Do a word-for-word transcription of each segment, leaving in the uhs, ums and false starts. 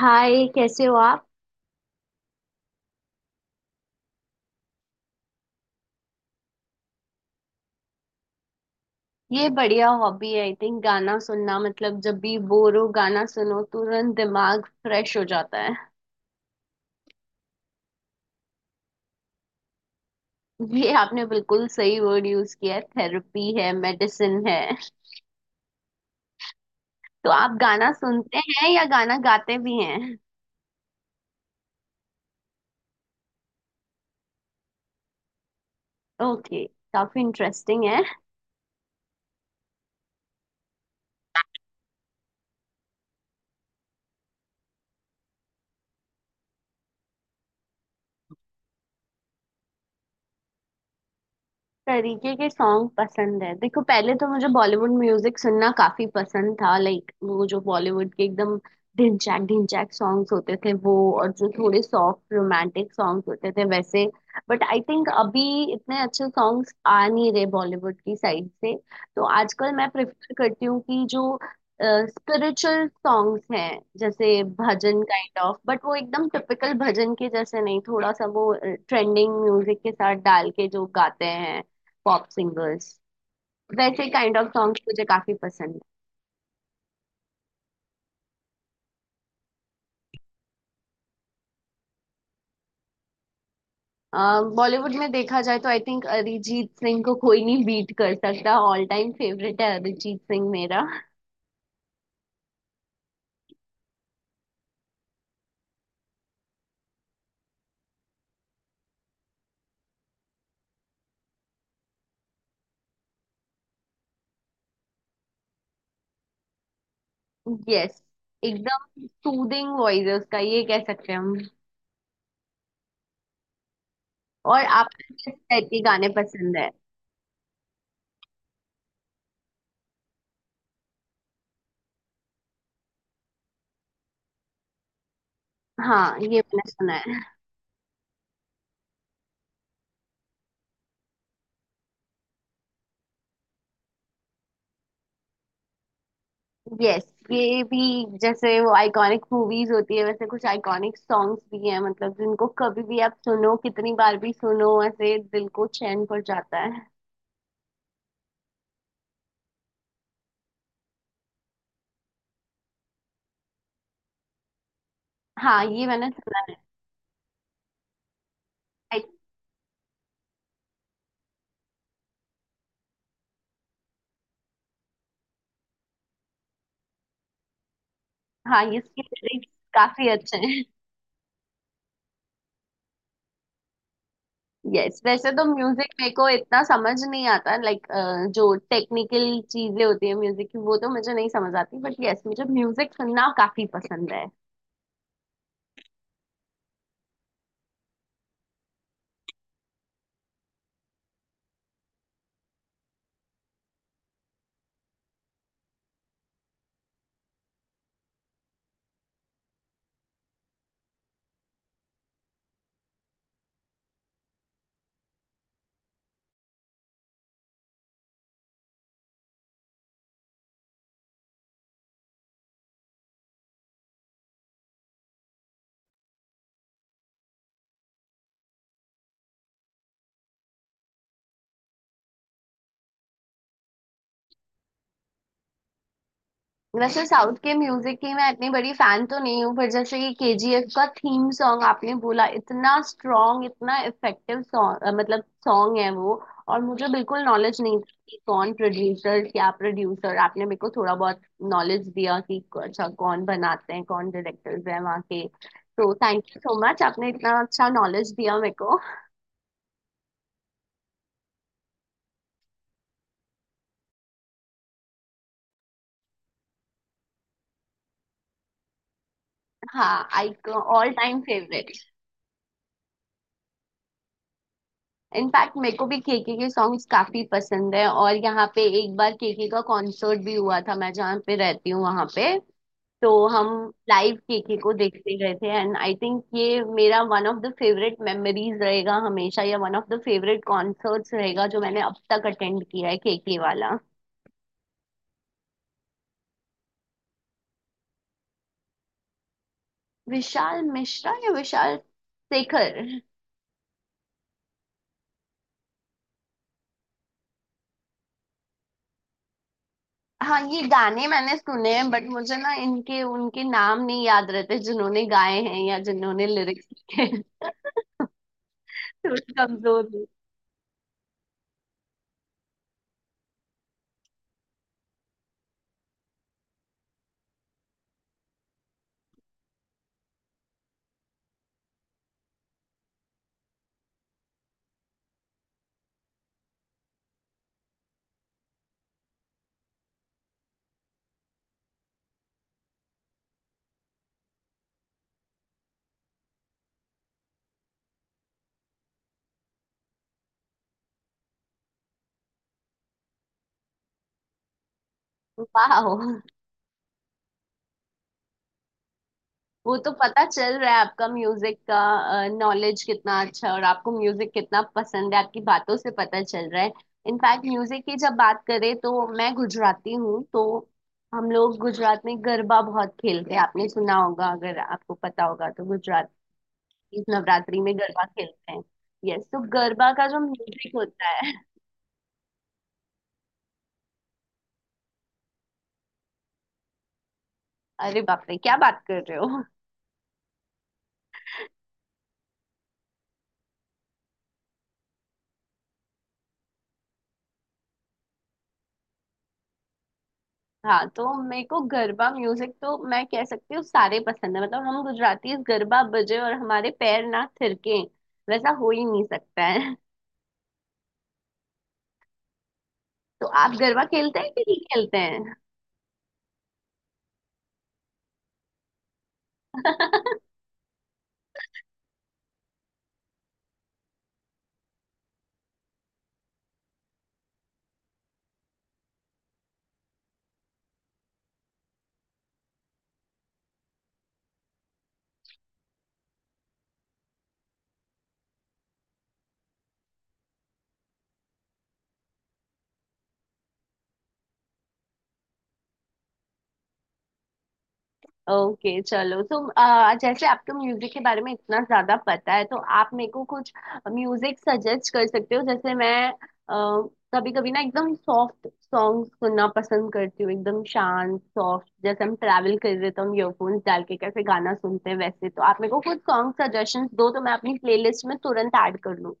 हाय, कैसे हो आप। ये बढ़िया हॉबी है। आई थिंक गाना सुनना मतलब जब भी बोर हो गाना सुनो तुरंत दिमाग फ्रेश हो जाता है। ये आपने बिल्कुल सही वर्ड यूज किया है, थेरेपी है, मेडिसिन है। तो आप गाना सुनते हैं या गाना गाते भी हैं? ओके। काफी इंटरेस्टिंग है। तरीके के सॉन्ग पसंद है, देखो पहले तो मुझे बॉलीवुड म्यूजिक सुनना काफी पसंद था, लाइक वो जो बॉलीवुड के एकदम ढिनचैक ढिनचैक सॉन्ग्स होते थे वो, और जो थोड़े सॉफ्ट रोमांटिक सॉन्ग्स होते थे वैसे। बट आई थिंक अभी इतने अच्छे सॉन्ग्स आ नहीं रहे बॉलीवुड की साइड से। तो आजकल मैं प्रेफर करती हूँ कि जो स्पिरिचुअल सॉन्ग्स हैं जैसे भजन काइंड ऑफ, बट वो एकदम टिपिकल भजन के जैसे नहीं, थोड़ा सा वो ट्रेंडिंग म्यूजिक के साथ डाल के जो गाते हैं पॉप सिंगर्स, वैसे काइंड ऑफ सॉन्ग्स मुझे काफी पसंद है। बॉलीवुड में देखा जाए तो आई थिंक अरिजीत सिंह को कोई नहीं बीट कर सकता। ऑल टाइम फेवरेट है अरिजीत सिंह मेरा। यस, एकदम सूदिंग वॉइस है उसका, ये कह सकते हैं हम। और आपको किस टाइप के गाने पसंद है? हाँ, ये मैंने सुना है। यस। ये भी, जैसे वो आइकॉनिक मूवीज होती है वैसे कुछ आइकॉनिक सॉन्ग्स भी हैं, मतलब जिनको कभी भी आप सुनो, कितनी बार भी सुनो, ऐसे दिल को चैन पड़ जाता है। हाँ, ये मैंने सुना है। हाँ, ये इसके लिरिक्स काफी अच्छे हैं। यस, वैसे तो म्यूजिक मेरे को इतना समझ नहीं आता, लाइक जो टेक्निकल चीजें होती है म्यूजिक की वो तो मुझे नहीं समझ आती, बट यस, मुझे म्यूजिक सुनना काफी पसंद है। वैसे साउथ के म्यूजिक की मैं इतनी बड़ी फैन तो नहीं हूँ, पर जैसे ये के जी एफ का थीम सॉन्ग आपने बोला, इतना स्ट्रॉन्ग इतना इफेक्टिव सॉन्ग, मतलब सॉन्ग है वो। और मुझे बिल्कुल नॉलेज नहीं थी कि कौन प्रोड्यूसर क्या प्रोड्यूसर, आपने मेरे को थोड़ा बहुत नॉलेज दिया कि क- अच्छा कौन बनाते हैं, कौन डायरेक्टर्स हैं वहाँ के। तो थैंक यू सो मच, आपने इतना अच्छा नॉलेज दिया मेरे को। हाँ, I all time favourite. In fact मेरे को भी केके के सॉन्ग्स काफी पसंद है, और यहाँ पे एक बार के के का कॉन्सर्ट भी हुआ था, मैं जहाँ पे रहती हूँ वहां पे। तो हम लाइव के के को देखते गए थे, एंड आई थिंक ये मेरा one of the favourite memories रहेगा हमेशा, या one of the favourite concerts रहेगा जो मैंने अब तक अटेंड किया है, के के वाला। विशाल मिश्रा या विशाल शेखर? हाँ, ये गाने मैंने सुने हैं, बट मुझे ना इनके उनके नाम नहीं याद रहते जिन्होंने गाए हैं या जिन्होंने लिरिक्स लिखे हैं। कमजोर हूँ। वाह। वो तो पता चल रहा है, आपका म्यूजिक का नॉलेज कितना अच्छा है और आपको म्यूजिक कितना पसंद है, आपकी बातों से पता चल रहा है। इनफैक्ट म्यूजिक की जब बात करें, तो मैं गुजराती हूँ तो हम लोग गुजरात में गरबा बहुत खेलते हैं, आपने सुना होगा अगर आपको पता होगा। तो गुजरात इस नवरात्रि में गरबा खेलते हैं। यस, तो गरबा का जो म्यूजिक होता है। अरे बाप रे, क्या बात कर रहे हो। हाँ, तो मेरे को गरबा म्यूजिक तो मैं कह सकती हूँ सारे पसंद है, मतलब हम गुजराती गरबा बजे और हमारे पैर ना थिरके, वैसा हो ही नहीं सकता है। तो आप गरबा खेलते हैं कि नहीं खेलते हैं? ओके चलो, तो आ, जैसे आपको म्यूजिक के बारे में इतना ज्यादा पता है, तो आप मेरे को कुछ म्यूजिक सजेस्ट कर सकते हो। जैसे मैं कभी कभी ना एकदम सॉफ्ट सॉन्ग सुनना पसंद करती हूँ, एकदम शांत सॉफ्ट, जैसे हम ट्रैवल कर रहे तो हम ईयरफोन्स डाल के कैसे गाना सुनते हैं वैसे। तो आप मेरे को कुछ सॉन्ग सजेशंस दो तो मैं अपनी प्लेलिस्ट में तुरंत ऐड कर लूँ।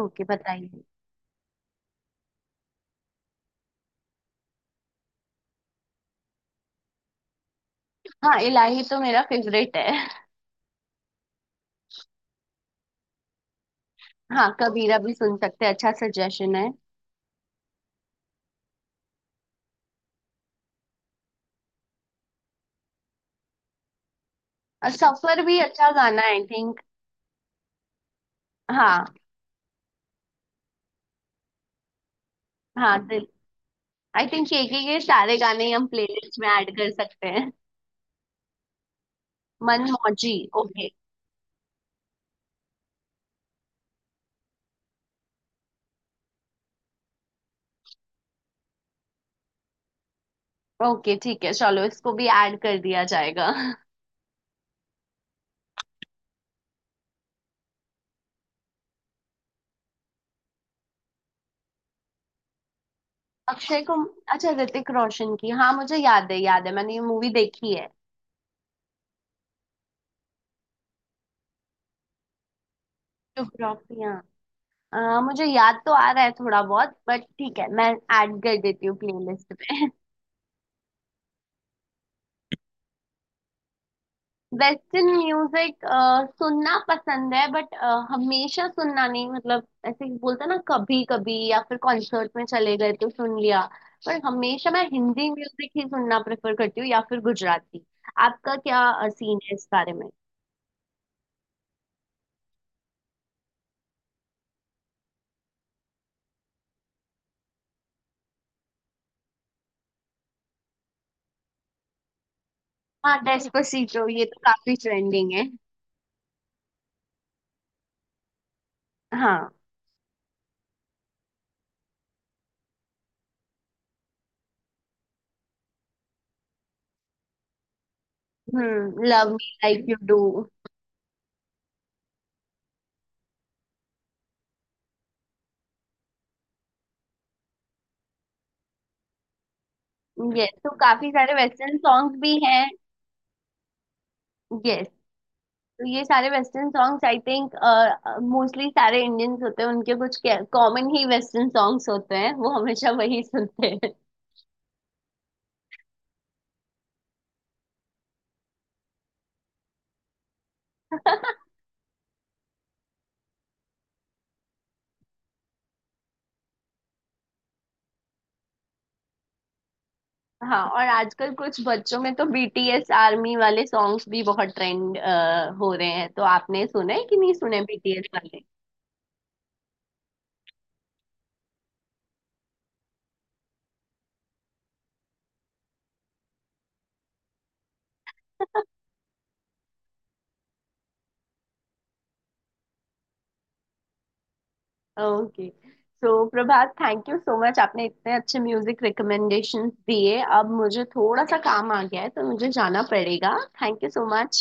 ओके, बताइए। हाँ, इलाही तो मेरा फेवरेट है। हाँ, कबीरा भी सुन सकते हैं, अच्छा सजेशन है। और सफर भी अच्छा गाना है आई थिंक। हाँ हाँ, दिल। आई थिंक ये ये ये सारे गाने हम प्लेलिस्ट में ऐड कर सकते हैं। मन मौजी। ओके। ओके ठीक है, चलो इसको भी ऐड कर दिया जाएगा। अक्षय को? अच्छा, ऋतिक रोशन की, हाँ मुझे याद है, याद है मैंने ये मूवी देखी है। जुग्राफिया। आ, मुझे याद तो आ रहा है थोड़ा बहुत, बट ठीक है, मैं ऐड कर देती हूँ प्लेलिस्ट पे। वेस्टर्न म्यूजिक सुनना पसंद है, बट हमेशा सुनना नहीं, मतलब ऐसे ही बोलते हैं ना कभी कभी, या फिर कॉन्सर्ट में चले गए तो सुन लिया। पर हमेशा मैं हिंदी म्यूजिक ही सुनना प्रेफर करती हूँ, या फिर गुजराती। आपका क्या सीन है इस बारे में? हाँ, डेस्पासिटो ये तो काफी ट्रेंडिंग है। हाँ। हम्म, love me like you do. Yes, तो काफी सारे वेस्टर्न सॉन्ग्स भी हैं। यस, तो ये सारे western songs I think mostly सारे इंडियंस होते हैं उनके, कुछ कॉमन ही वेस्टर्न सॉन्ग्स होते हैं वो हमेशा वही सुनते हैं। हाँ, और आजकल कुछ बच्चों में तो बी टी एस आर्मी वाले सॉन्ग्स भी बहुत ट्रेंड हो रहे हैं, तो आपने सुने कि नहीं सुने बी टी एस वाले? Okay. So Prabhat, thank you so much, आपने इतने अच्छे म्यूजिक रिकमेंडेशंस दिए। अब मुझे थोड़ा सा काम आ गया है तो मुझे जाना पड़ेगा। Thank you so much.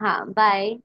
हाँ, बाय।